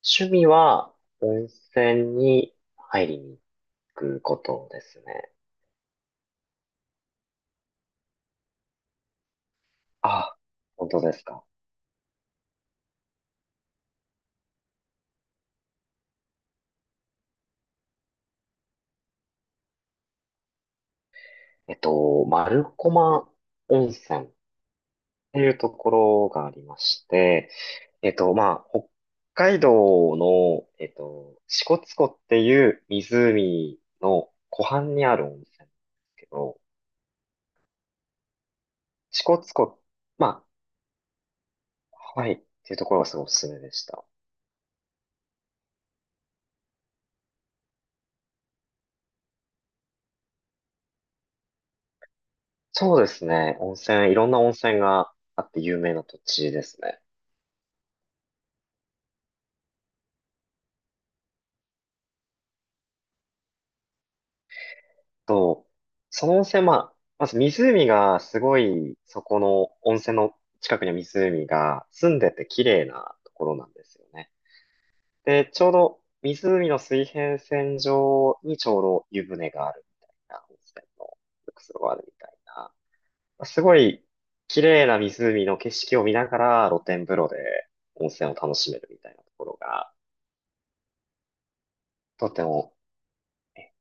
趣味は温泉に入りに行くことですね。あ、本当ですか。丸駒温泉っていうところがありまして、北海道の、支笏湖っていう湖の湖畔にある温泉なんですけど、支笏湖、まあ、ハワイっていうところがすごいおすすめでした。そうですね。温泉、いろんな温泉があって有名な土地ですね。と、その温泉、まあ、まず湖がすごい、そこの温泉の近くには湖が澄んでて綺麗なところなんですよね。で、ちょうど湖の水平線上にちょうど湯船があるみたいな、温泉の浴槽があるみたいな、まあすごい綺麗な湖の景色を見ながら露天風呂で温泉を楽しめるみたいなところが、とても、え、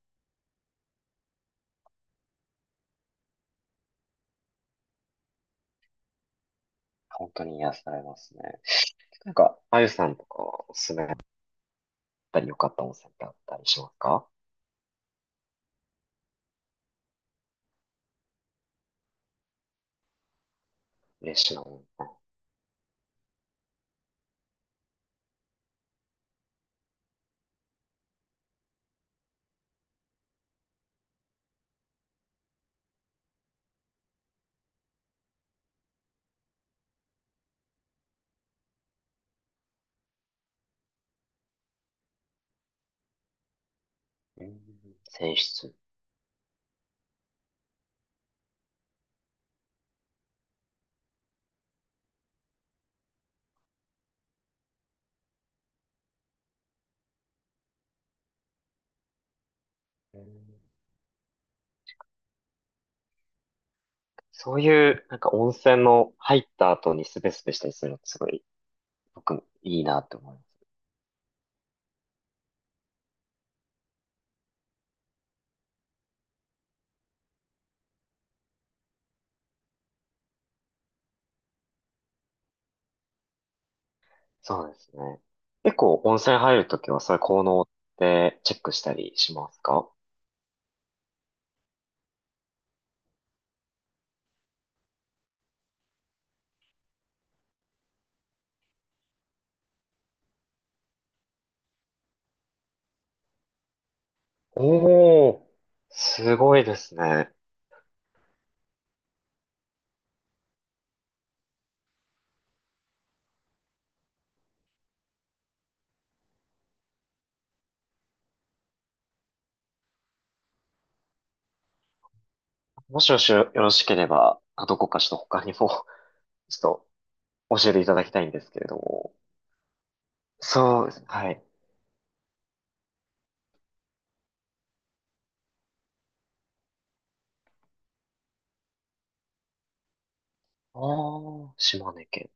本当に癒されますね。なんか、あゆさんとかはおすすめたり良かった温泉ってあったりしますか？嬉しいな温泉。うん、泉質。うん、そういう、なんか温泉の入った後にスベスベしたりするのってすごい、僕、いいなって思います。そうですね。結構温泉入るときはそういう効能ってチェックしたりしますか？おー、すごいですね。もしもしよろしければ、あ、どこかちょっと他にも ちょっと教えていただきたいんですけれども。そうですね。はい。あー、島根県。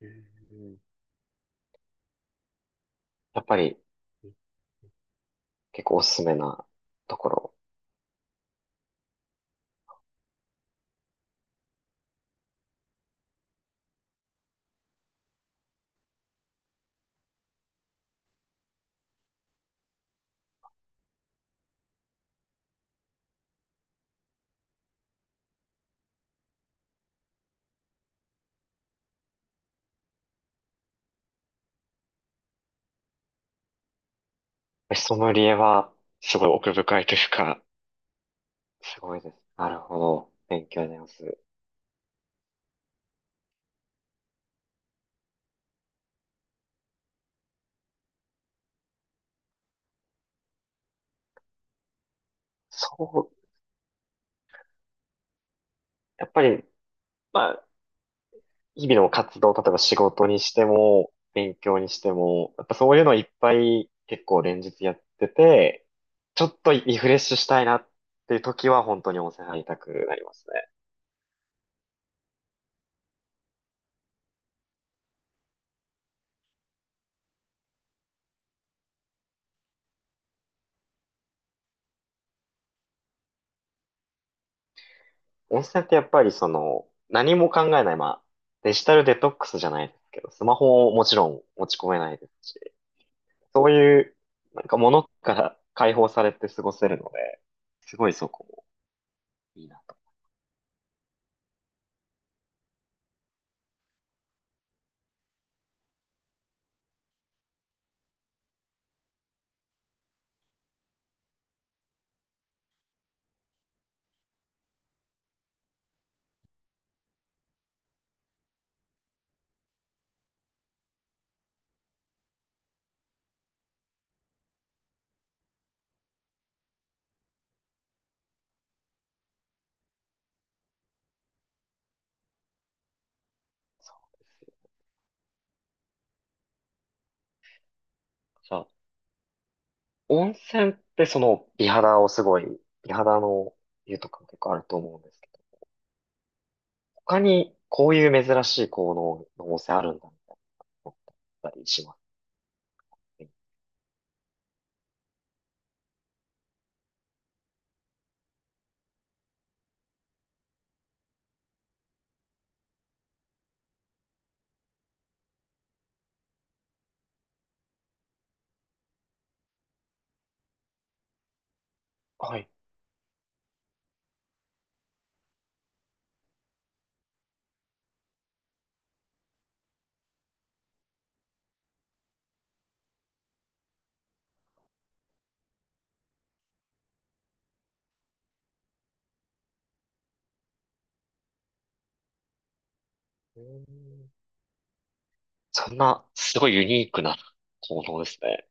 うん、やっぱり結構おすすめなところ。ソムリエはすごい奥深いというか、すごいです。なるほど。勉強になります。そう、やっぱり、まあ、日々の活動、例えば仕事にしても、勉強にしても、やっぱそういうのいっぱい結構連日やってて、ちょっとリフレッシュしたいなっていう時は本当に温泉入りたくなりますね。温泉ってやっぱりその、何も考えない、まあ、デジタルデトックスじゃないですけど、スマホをもちろん持ち込めないですし、そういう、なんか物から解放されて過ごせるので、すごいそこもいいなと。そう。じゃあ、温泉ってその美肌をすごい、美肌の湯とかも結構あると思うんですけど、他にこういう珍しい効能の温泉あるんだみたいな思ったりしますね。はい。うーん、そんな、すごいユニークな効能ですね。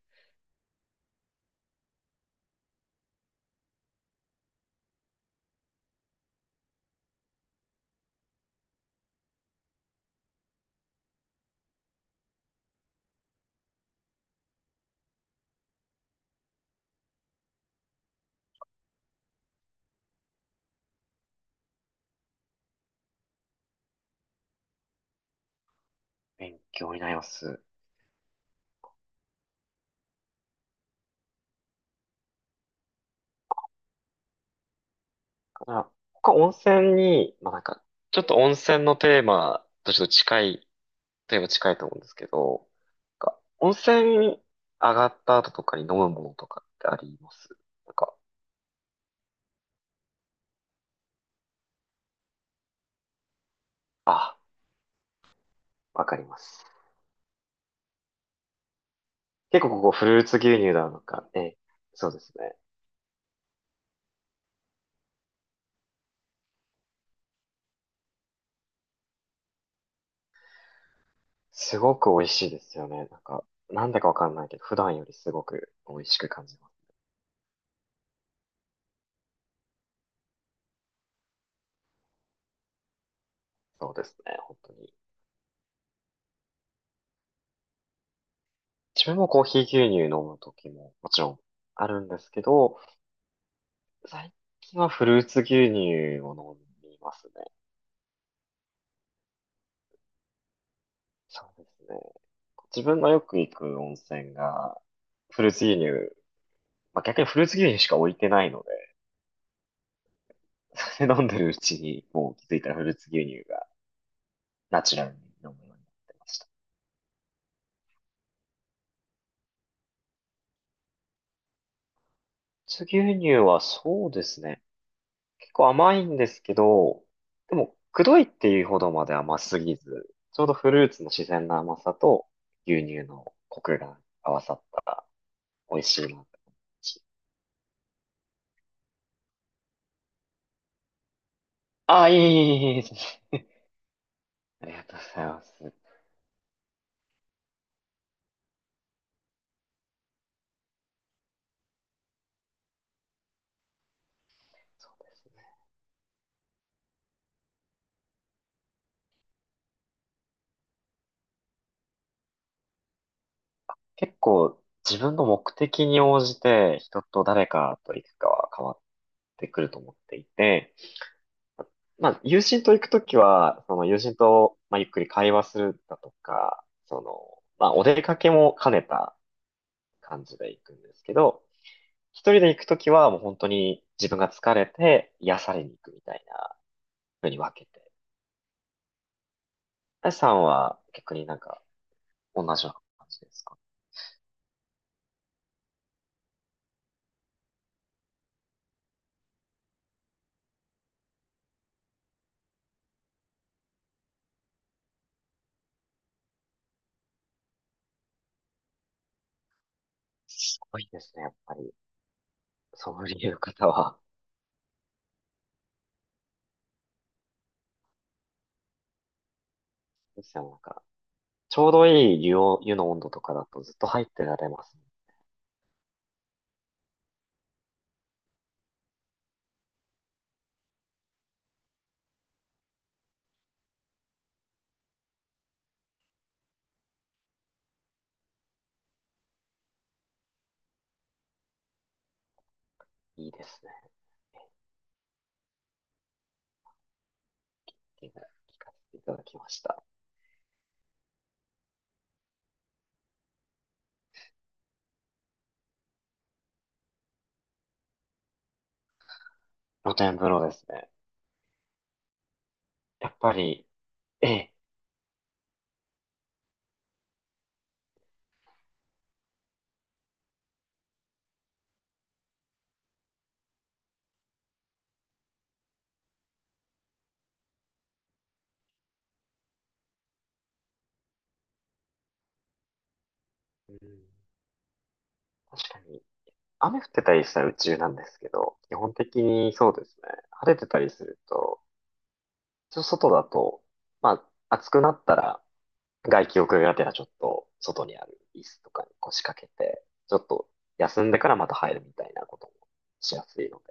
勉強になります。あ、他温泉に、まあ、なんか、ちょっと温泉のテーマとちょっと近い、テーマ近いと思うんですけど、なんか温泉に上がった後とかに飲むものとかってあります？なんか、あ、わかります。結構ここフルーツ牛乳だのか、ええ、そうですね。すごく美味しいですよね。なんか、なんだかわかんないけど、普段よりすごく美味しく感じます。そうですね、本当に。自分もコーヒー牛乳飲む時ももちろんあるんですけど、最近はフルーツ牛乳を飲みますね。そうですね。自分のよく行く温泉が、フルーツ牛乳、まあ、逆にフルーツ牛乳しか置いてないので、それ飲んでるうちに、もう気づいたらフルーツ牛乳がナチュラルに飲むようになってました。フルーツ牛乳はそうですね。結構甘いんですけど、でも、くどいっていうほどまで甘すぎず、ちょうどフルーツの自然な甘さと牛乳のコクが合わさった美味しいなって感じ。ああ、いえいえいえいえ。ありがとうございます。そうですね。結構自分の目的に応じて人と誰かと行くかは変わってくると思っていて、まあ友人と行くときは、その友人と、まあ、ゆっくり会話するだとか、その、まあお出かけも兼ねた感じで行くんですけど、一人で行くときはもう本当に自分が疲れて癒されに行くみたいな風に分けて。あやさんは逆になんか同じような感じですか？すごいですね、やっぱり。ソムリエの方は。ですよ、なんか、ちょうどいい湯を、湯の温度とかだとずっと入ってられますね。いいですね。っていうのを聞かせていただきました。露天風呂ですね。やっぱり、ええ、うん、確かに、雨降ってたりしたら宇宙なんですけど、基本的にそうですね。晴れてたりすると、ちょっと外だと、まあ、暑くなったら、外気浴がてらちょっと、外にある椅子とかに腰掛けて、ちょっと休んでからまた入るみたいなこともしやすいので、